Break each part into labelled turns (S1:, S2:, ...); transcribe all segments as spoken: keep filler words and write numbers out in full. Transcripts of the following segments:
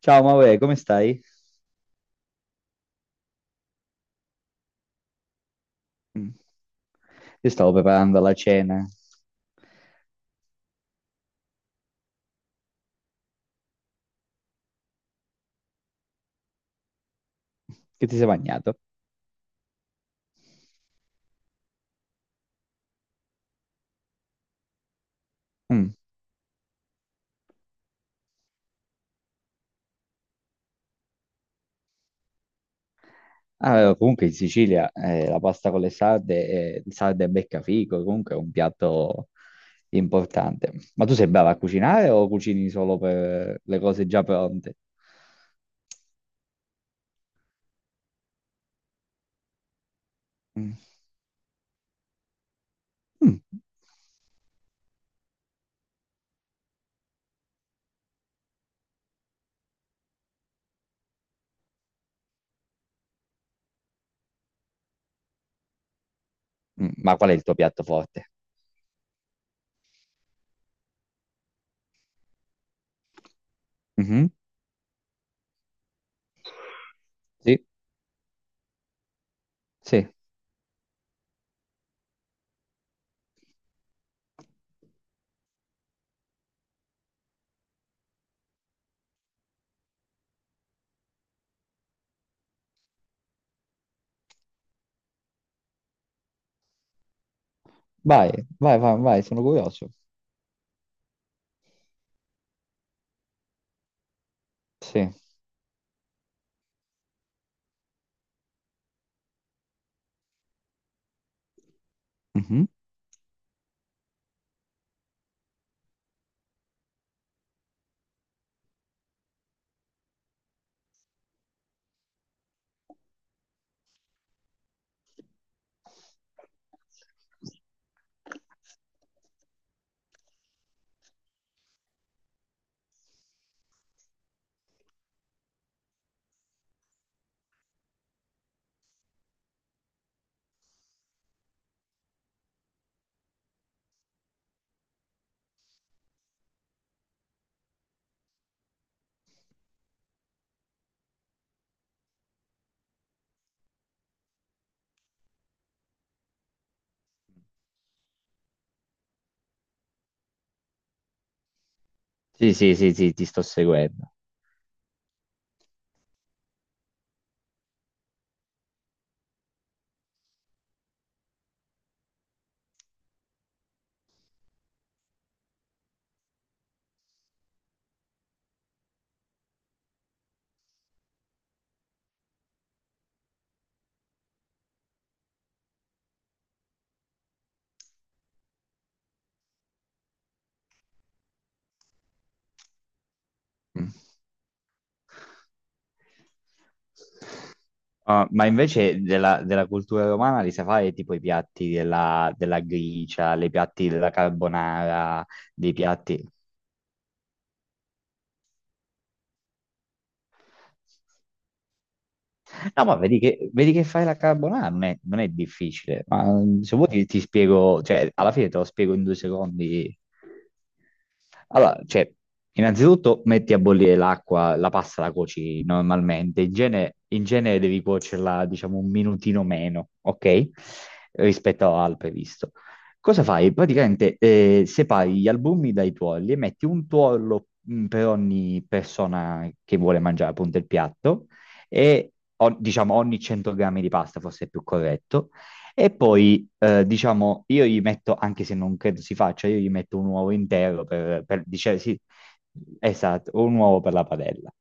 S1: Ciao Maure, come stai? Mm. Io stavo preparando la cena. Che ti sei bagnato? Mm. Ah, eh, comunque in Sicilia, eh, la pasta con le sarde, eh, sarde e beccafico, comunque è un piatto importante. Ma tu sei brava a cucinare o cucini solo per le cose già pronte? Mm. Mm. Mm. Ma qual è il tuo piatto forte? Mhm. Sì, sì. Vai, vai, vai, vai, sono curioso. Sì. Mhm. Sì, sì, sì, sì, ti sto seguendo. Mm. Ah, ma invece della, della cultura romana li sai fare tipo i piatti della, della gricia, i piatti della carbonara, dei piatti... No, ma vedi che, vedi che fai la carbonara, non è, non è difficile. Ma mm, se vuoi ti, ti spiego, cioè, alla fine te lo spiego in due secondi. Allora, cioè, innanzitutto metti a bollire l'acqua, la pasta la cuoci normalmente. In genere, in genere devi cuocerla, diciamo, un minutino meno, ok? Rispetto al previsto. Cosa fai? Praticamente eh, separi gli albumi dai tuorli e metti un tuorlo mh, per ogni persona che vuole mangiare appunto il piatto e o- diciamo ogni cento grammi di pasta forse è più corretto. E poi, eh, diciamo, io gli metto, anche se non credo si faccia, io gli metto un uovo intero per, per dicere, sì, esatto, un uovo per la padella.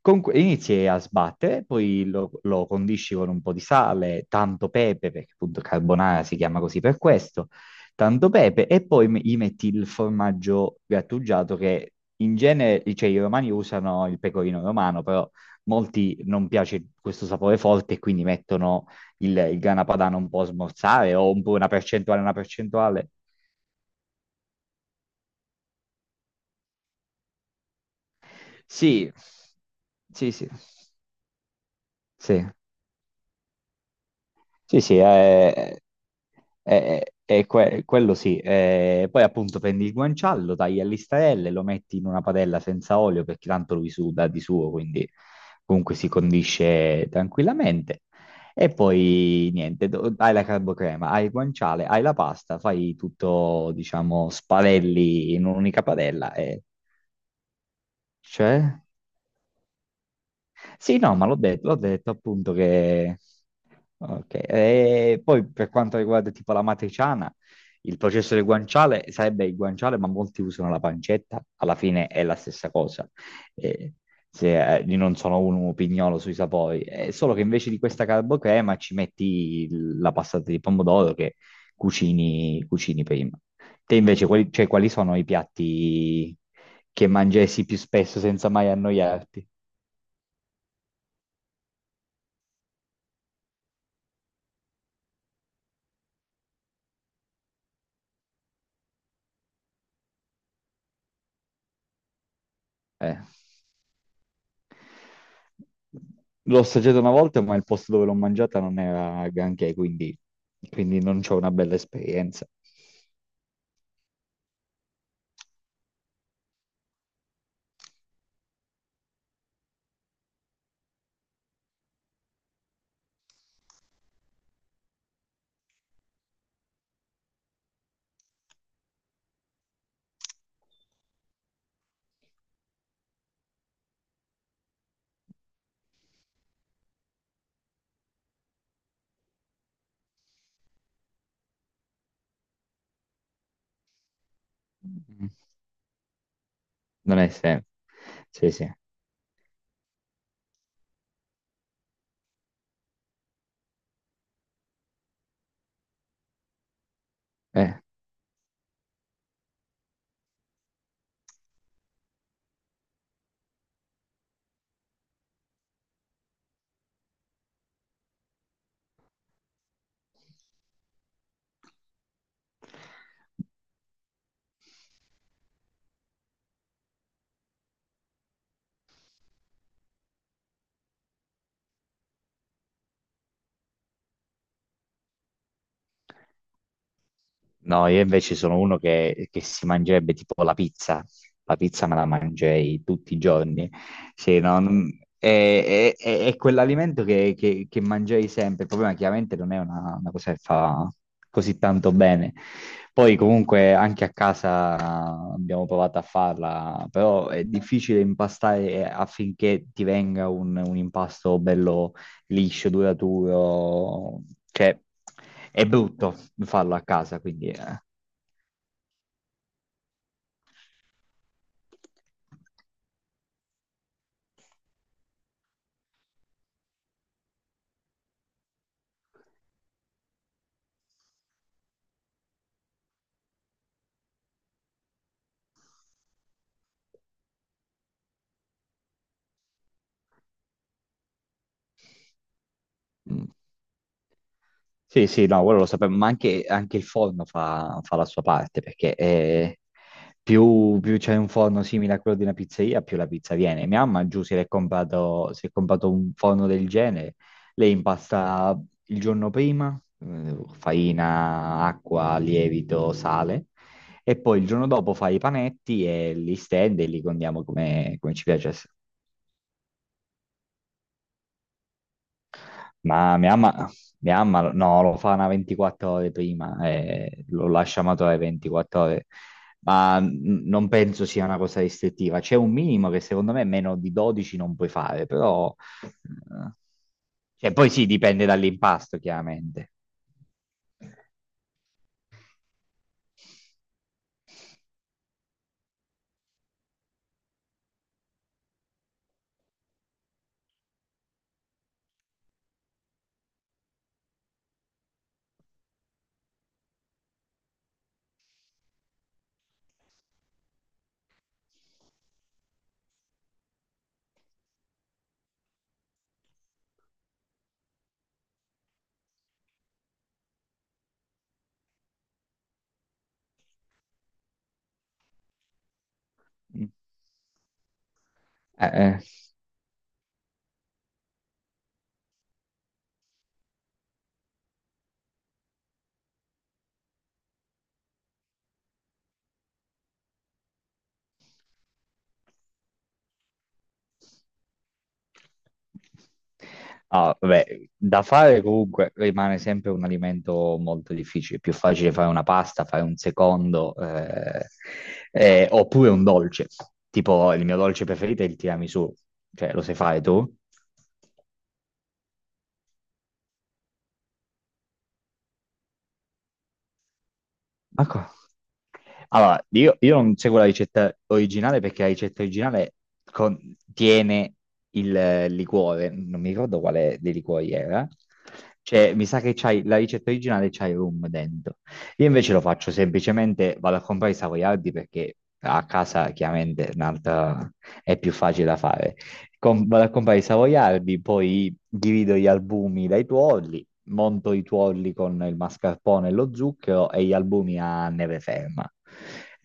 S1: Comunque inizi a sbattere, poi lo, lo condisci con un po' di sale, tanto pepe, perché appunto carbonara si chiama così per questo, tanto pepe, e poi me- gli metti il formaggio grattugiato che in genere, cioè i romani usano il pecorino romano, però molti non piace questo sapore forte e quindi mettono il, il grana padano un po' a smorzare o un po' una percentuale, una percentuale. Sì, sì, sì, sì. Sì, sì, è, è- è que- quello sì. Eh, poi appunto prendi il guanciale, tagli a listarelle, lo metti in una padella senza olio perché tanto lui suda di suo, quindi comunque si condisce tranquillamente. E poi niente, do- hai la carbocrema, hai il guanciale, hai la pasta, fai tutto, diciamo, spalelli in un'unica padella e... Cioè? Sì, no, ma l'ho detto, l'ho detto appunto che... Ok, e poi per quanto riguarda tipo la matriciana, il processo del guanciale sarebbe il guanciale, ma molti usano la pancetta, alla fine è la stessa cosa. Eh, se, eh, io non sono un pignolo sui sapori, è solo che invece di questa carbocrema ci metti il- la passata di pomodoro che cucini, cucini prima. Te invece, quali, cioè, quali sono i piatti che mangessi più spesso senza mai annoiarti? Eh. L'ho assaggiata una volta, ma il posto dove l'ho mangiata non era granché, quindi, quindi non c'ho una bella esperienza. Mm. Non è sempre. Sì, sì. Eh. No, io invece sono uno che, che si mangerebbe tipo la pizza. La pizza me la mangerei tutti i giorni. Sì, no, non- è, è- è- è quell'alimento che, che, che mangerei sempre. Il problema chiaramente non è una, una cosa che fa così tanto bene. Poi comunque anche a casa abbiamo provato a farla, però è difficile impastare eh, affinché ti venga un, un impasto liscio, duraturo, cioè è brutto farlo a casa, quindi eh, mm, sì, sì, no, quello lo sapevo, ma anche, anche il forno fa, fa la sua parte, perché eh, più, più c'è un forno simile a quello di una pizzeria, più la pizza viene. Mia mamma giù si è comprato, si è comprato un forno del genere, lei impasta il giorno prima, eh, farina, acqua, lievito, sale, e poi il giorno dopo fa i panetti e li stende e li condiamo come, come ci piace. Ma mia mamma, mia mamma no, lo fa una ventiquattro ore prima e lo lascia maturare 24 ore, ma n- non penso sia una cosa restrittiva. C'è un minimo che secondo me meno di dodici non puoi fare, però... eh, cioè, poi sì, dipende dall'impasto, chiaramente. Eh, eh. Ah, vabbè, da fare comunque rimane sempre un alimento molto difficile. È più facile fare una pasta, fare un secondo, eh, eh, oppure un dolce. Tipo, il mio dolce preferito è il tiramisù. Cioè, lo sai fare tu? Ma co- Allora, io, io non seguo la ricetta originale perché la ricetta originale contiene il eh, liquore, non mi ricordo quale dei liquori era. Cioè, mi sa che c'hai la ricetta originale c'hai rum dentro. Io invece lo faccio semplicemente, vado a comprare i savoiardi perché a casa chiaramente è un'altra è più facile da fare. Com- vado a comprare i savoiardi, poi divido gli albumi dai tuorli monto i tuorli con il mascarpone e lo zucchero e gli albumi a neve ferma.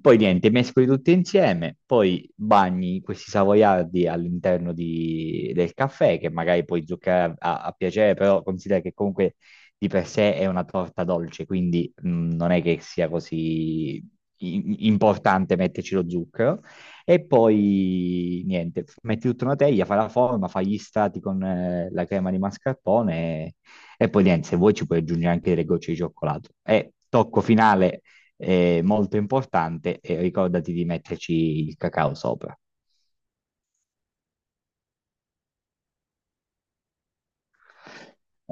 S1: Poi niente, mescoli tutti insieme, poi bagni questi savoiardi all'interno di- del caffè, che magari puoi zuccherare a, a piacere, però considera che comunque di per sé è una torta dolce, quindi mh, non è che sia così i- importante metterci lo zucchero. E poi niente, metti tutta una teglia, fa la forma, fa gli strati con eh, la crema di mascarpone e, e poi niente, se vuoi ci puoi aggiungere anche delle gocce di cioccolato. E tocco finale eh, molto importante, e ricordati di metterci il cacao sopra.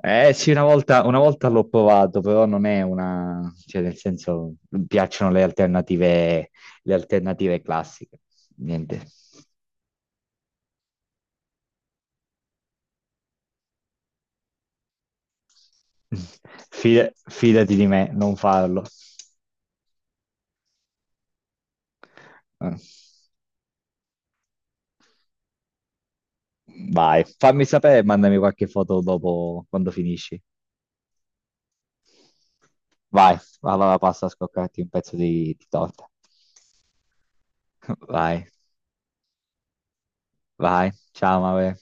S1: Eh sì, una volta, una volta l'ho provato, però non è una... cioè nel senso, mi piacciono le alternative, le alternative classiche. Niente. Fida- fidati di me, non farlo. Eh. Vai, fammi sapere e mandami qualche foto dopo quando finisci. Vai, allora passo a scoccarti un pezzo di, di torta. Vai, vai, ciao, Maure.